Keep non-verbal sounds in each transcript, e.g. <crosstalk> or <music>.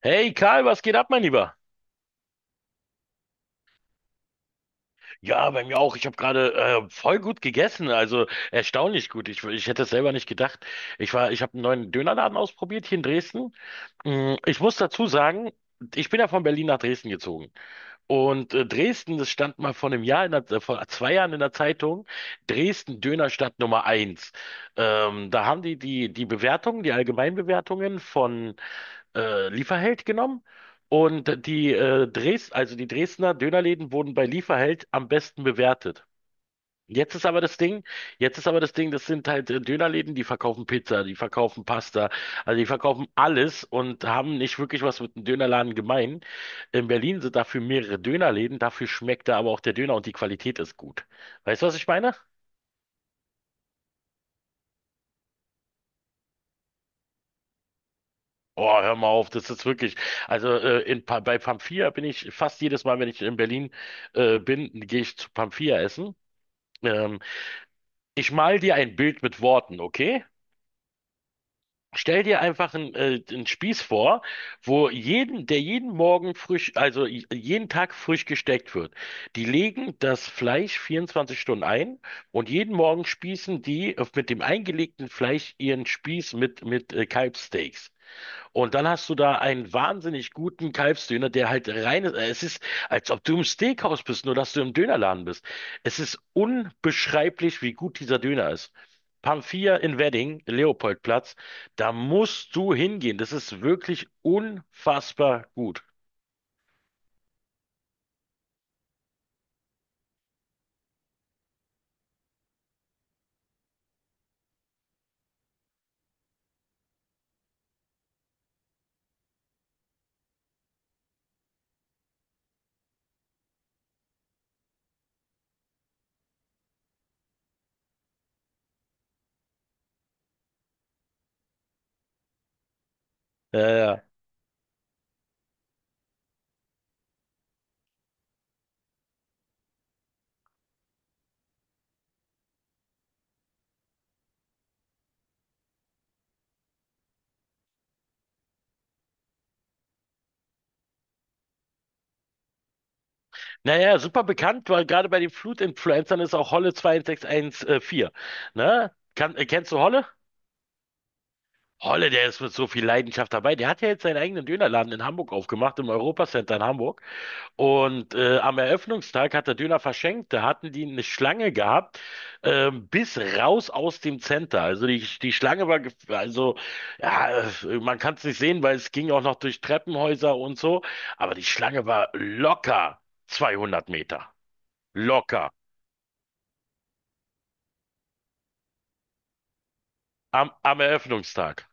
Hey Karl, was geht ab, mein Lieber? Ja, bei mir auch. Ich habe gerade voll gut gegessen, also erstaunlich gut. Ich hätte es selber nicht gedacht. Ich habe einen neuen Dönerladen ausprobiert hier in Dresden. Mm, ich muss dazu sagen, ich bin ja von Berlin nach Dresden gezogen. Dresden, das stand mal vor 2 Jahren in der Zeitung, Dresden Dönerstadt Nummer 1. Da haben die Bewertungen, die Allgemeinbewertungen von Lieferheld genommen und die Dres also die Dresdner Dönerläden wurden bei Lieferheld am besten bewertet. Jetzt ist aber das Ding, jetzt ist aber das Ding, das sind halt Dönerläden, die verkaufen Pizza, die verkaufen Pasta, also die verkaufen alles und haben nicht wirklich was mit einem Dönerladen gemein. In Berlin sind dafür mehrere Dönerläden, dafür schmeckt da aber auch der Döner und die Qualität ist gut. Weißt du, was ich meine? Oh, hör mal auf, das ist wirklich. Also bei Pamphia bin ich fast jedes Mal, wenn ich in Berlin bin, gehe ich zu Pamphia essen. Ähm, ich mal dir ein Bild mit Worten, okay? Stell dir einfach einen Spieß vor, wo jeden, der jeden Morgen frisch, jeden Tag frisch gesteckt wird. Die legen das Fleisch 24 Stunden ein und jeden Morgen spießen mit dem eingelegten Fleisch ihren Spieß mit Kalbssteaks. Und dann hast du da einen wahnsinnig guten Kalbsdöner, der halt rein ist. Es ist, als ob du im Steakhouse bist, nur dass du im Dönerladen bist. Es ist unbeschreiblich, wie gut dieser Döner ist. Pamphia in Wedding, Leopoldplatz, da musst du hingehen. Das ist wirklich unfassbar gut. Ja, ja. Naja, super bekannt, weil gerade bei den Flutinfluencern ist auch Holle 2614. Ne? Kennst du Holle? Holle, der ist mit so viel Leidenschaft dabei. Der hat ja jetzt seinen eigenen Dönerladen in Hamburg aufgemacht, im Europacenter in Hamburg. Und am Eröffnungstag hat er Döner verschenkt. Da hatten die eine Schlange gehabt, bis raus aus dem Center. Also die, die Schlange war, gef- also ja, man kann es nicht sehen, weil es ging auch noch durch Treppenhäuser und so. Aber die Schlange war locker 200 Meter. Locker. Am Eröffnungstag.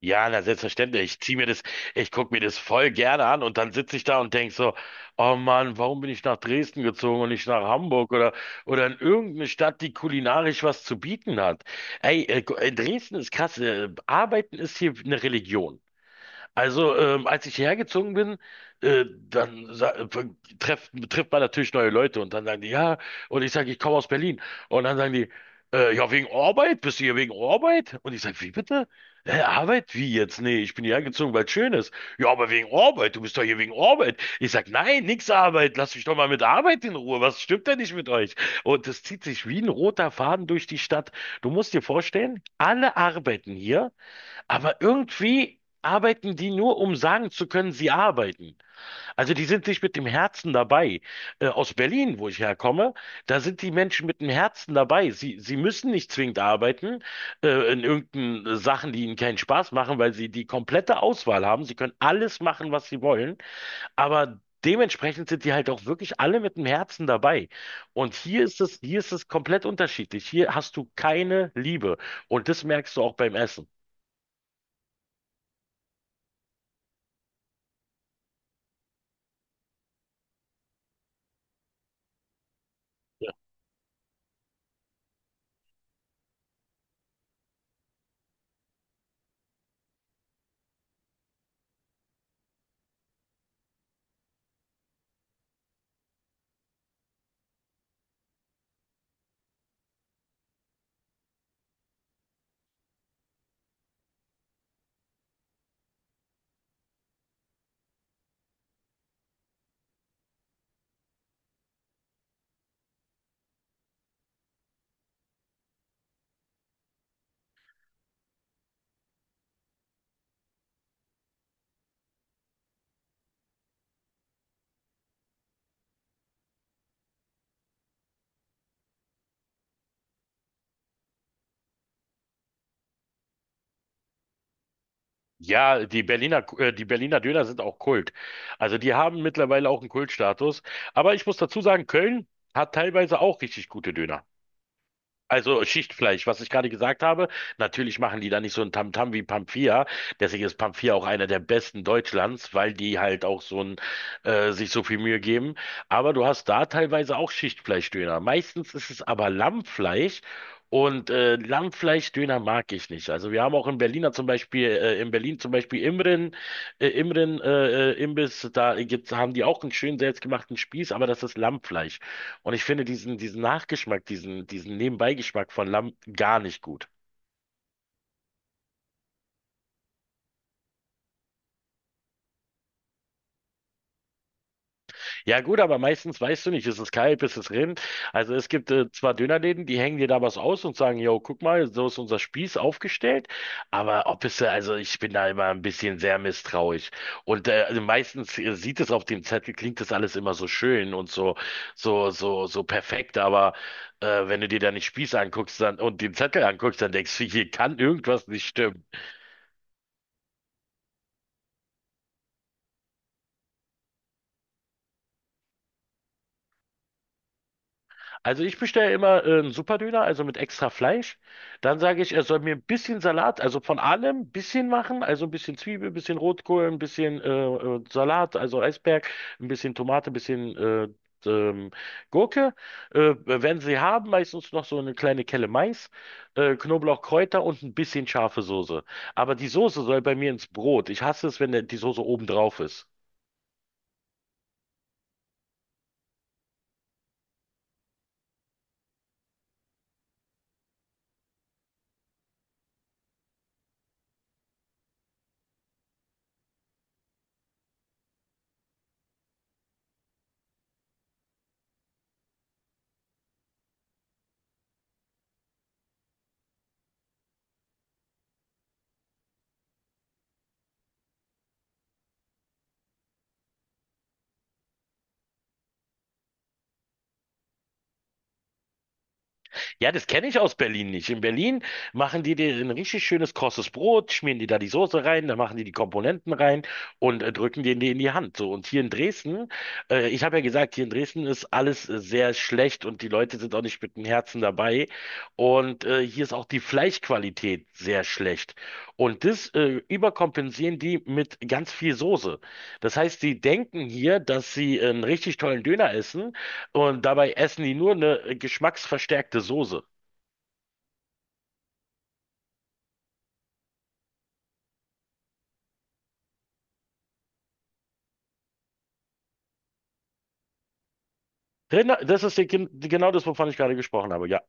Ja, na selbstverständlich. Ich guck mir das voll gerne an und dann sitze ich da und denk so, oh Mann, warum bin ich nach Dresden gezogen und nicht nach Hamburg oder in irgendeine Stadt, die kulinarisch was zu bieten hat. Ey, äh, Dresden ist krass. Arbeiten ist hier eine Religion. Also, als ich hierher gezogen bin, äh, dann sa- äh, trifft man natürlich neue Leute und dann sagen die, ja, und ich sage, ich komme aus Berlin. Und dann sagen die, ja, wegen Arbeit, bist du hier wegen Arbeit? Und ich sage, wie bitte? Hä, Arbeit? Wie jetzt? Nee, ich bin hierher gezogen, weil es schön ist. Ja, aber wegen Arbeit, du bist doch hier wegen Arbeit. Ich sage, nein, nix Arbeit, lass mich doch mal mit Arbeit in Ruhe. Was stimmt denn nicht mit euch? Und das zieht sich wie ein roter Faden durch die Stadt. Du musst dir vorstellen, alle arbeiten hier. Aber irgendwie arbeiten die nur, um sagen zu können, sie arbeiten. Also die sind nicht mit dem Herzen dabei. Aus Berlin, wo ich herkomme, da sind die Menschen mit dem Herzen dabei. Sie müssen nicht zwingend arbeiten, in irgendeinen Sachen, die ihnen keinen Spaß machen, weil sie die komplette Auswahl haben. Sie können alles machen, was sie wollen. Aber dementsprechend sind die halt auch wirklich alle mit dem Herzen dabei. Und hier ist es komplett unterschiedlich. Hier hast du keine Liebe. Und das merkst du auch beim Essen. Ja, die Berliner Döner sind auch Kult. Also die haben mittlerweile auch einen Kultstatus. Aber ich muss dazu sagen, Köln hat teilweise auch richtig gute Döner. Also Schichtfleisch, was ich gerade gesagt habe, natürlich machen die da nicht so ein Tamtam wie Pampia. Deswegen ist Pampia auch einer der besten Deutschlands, weil die halt sich so viel Mühe geben. Aber du hast da teilweise auch Schichtfleischdöner. Meistens ist es aber Lammfleisch und Lammfleischdöner mag ich nicht. Also wir haben auch in Berliner zum Beispiel, in Berlin zum Beispiel Imren, Imbiss, haben die auch einen schönen selbstgemachten Spieß, aber das ist Lammfleisch. Und ich finde diesen Nachgeschmack, diesen Nebenbeigeschmack von Lamm gar nicht gut. Ja gut, aber meistens weißt du nicht, ist es Kalb, ist es Rind. Also es gibt zwar Dönerläden, die hängen dir da was aus und sagen, yo, guck mal, so ist unser Spieß aufgestellt. Aber ob es, also ich bin da immer ein bisschen sehr misstrauisch. Und also meistens sieht es auf dem Zettel, klingt das alles immer so schön und so perfekt, aber wenn du dir da nicht Spieß anguckst dann, und den Zettel anguckst, dann denkst du, hier kann irgendwas nicht stimmen. Also ich bestelle immer einen Superdöner, also mit extra Fleisch. Dann sage ich, er soll mir ein bisschen Salat, also von allem ein bisschen machen, also ein bisschen Zwiebel, ein bisschen Rotkohl, ein bisschen Salat, also Eisberg, ein bisschen Tomate, ein bisschen ähm, Gurke. Wenn sie haben, meistens noch so eine kleine Kelle Mais, Knoblauch, Kräuter und ein bisschen scharfe Soße. Aber die Soße soll bei mir ins Brot. Ich hasse es, wenn die Soße oben drauf ist. Ja, das kenne ich aus Berlin nicht. In Berlin machen die dir ein richtig schönes krosses Brot, schmieren die da die Soße rein, dann machen die die Komponenten rein und drücken denen die in die Hand. So, und hier in Dresden, ich habe ja gesagt, hier in Dresden ist alles sehr schlecht und die Leute sind auch nicht mit dem Herzen dabei. Und hier ist auch die Fleischqualität sehr schlecht. Und das überkompensieren die mit ganz viel Soße. Das heißt, die denken hier, dass sie einen richtig tollen Döner essen und dabei essen die nur eine geschmacksverstärkte Soße. Rinder, genau das, wovon ich gerade gesprochen habe, ja.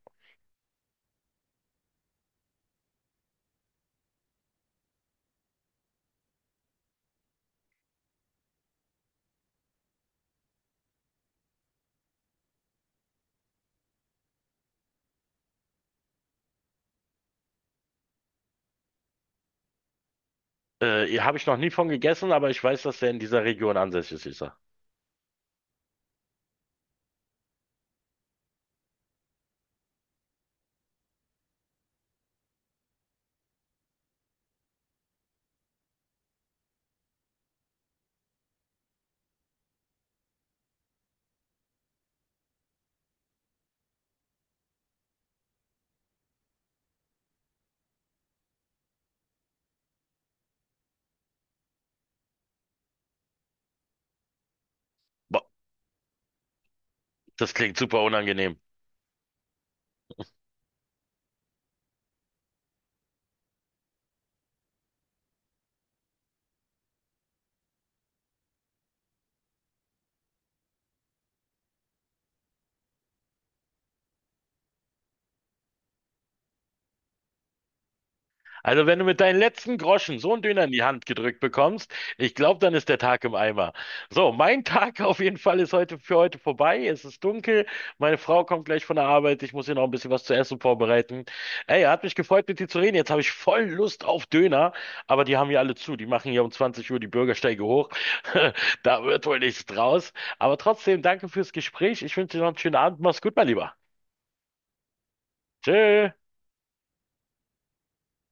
Habe ich noch nie von gegessen, aber ich weiß, dass der in dieser Region ansässig ist. Boah, das klingt super unangenehm. Also wenn du mit deinen letzten Groschen so einen Döner in die Hand gedrückt bekommst, ich glaube, dann ist der Tag im Eimer. So, mein <laughs> Tag auf jeden Fall ist heute für heute vorbei. Es ist dunkel. Meine Frau kommt gleich von der Arbeit. Ich muss ihr noch ein bisschen was zu essen vorbereiten. Ey, hat mich gefreut, mit dir zu reden. Jetzt habe ich voll Lust auf Döner, aber die haben hier alle zu. Die machen hier um 20 Uhr die Bürgersteige hoch. <laughs> Da wird wohl nichts draus. Aber trotzdem, danke fürs Gespräch. Ich wünsche dir noch einen schönen Abend. Mach's gut, mein Lieber. Tschö.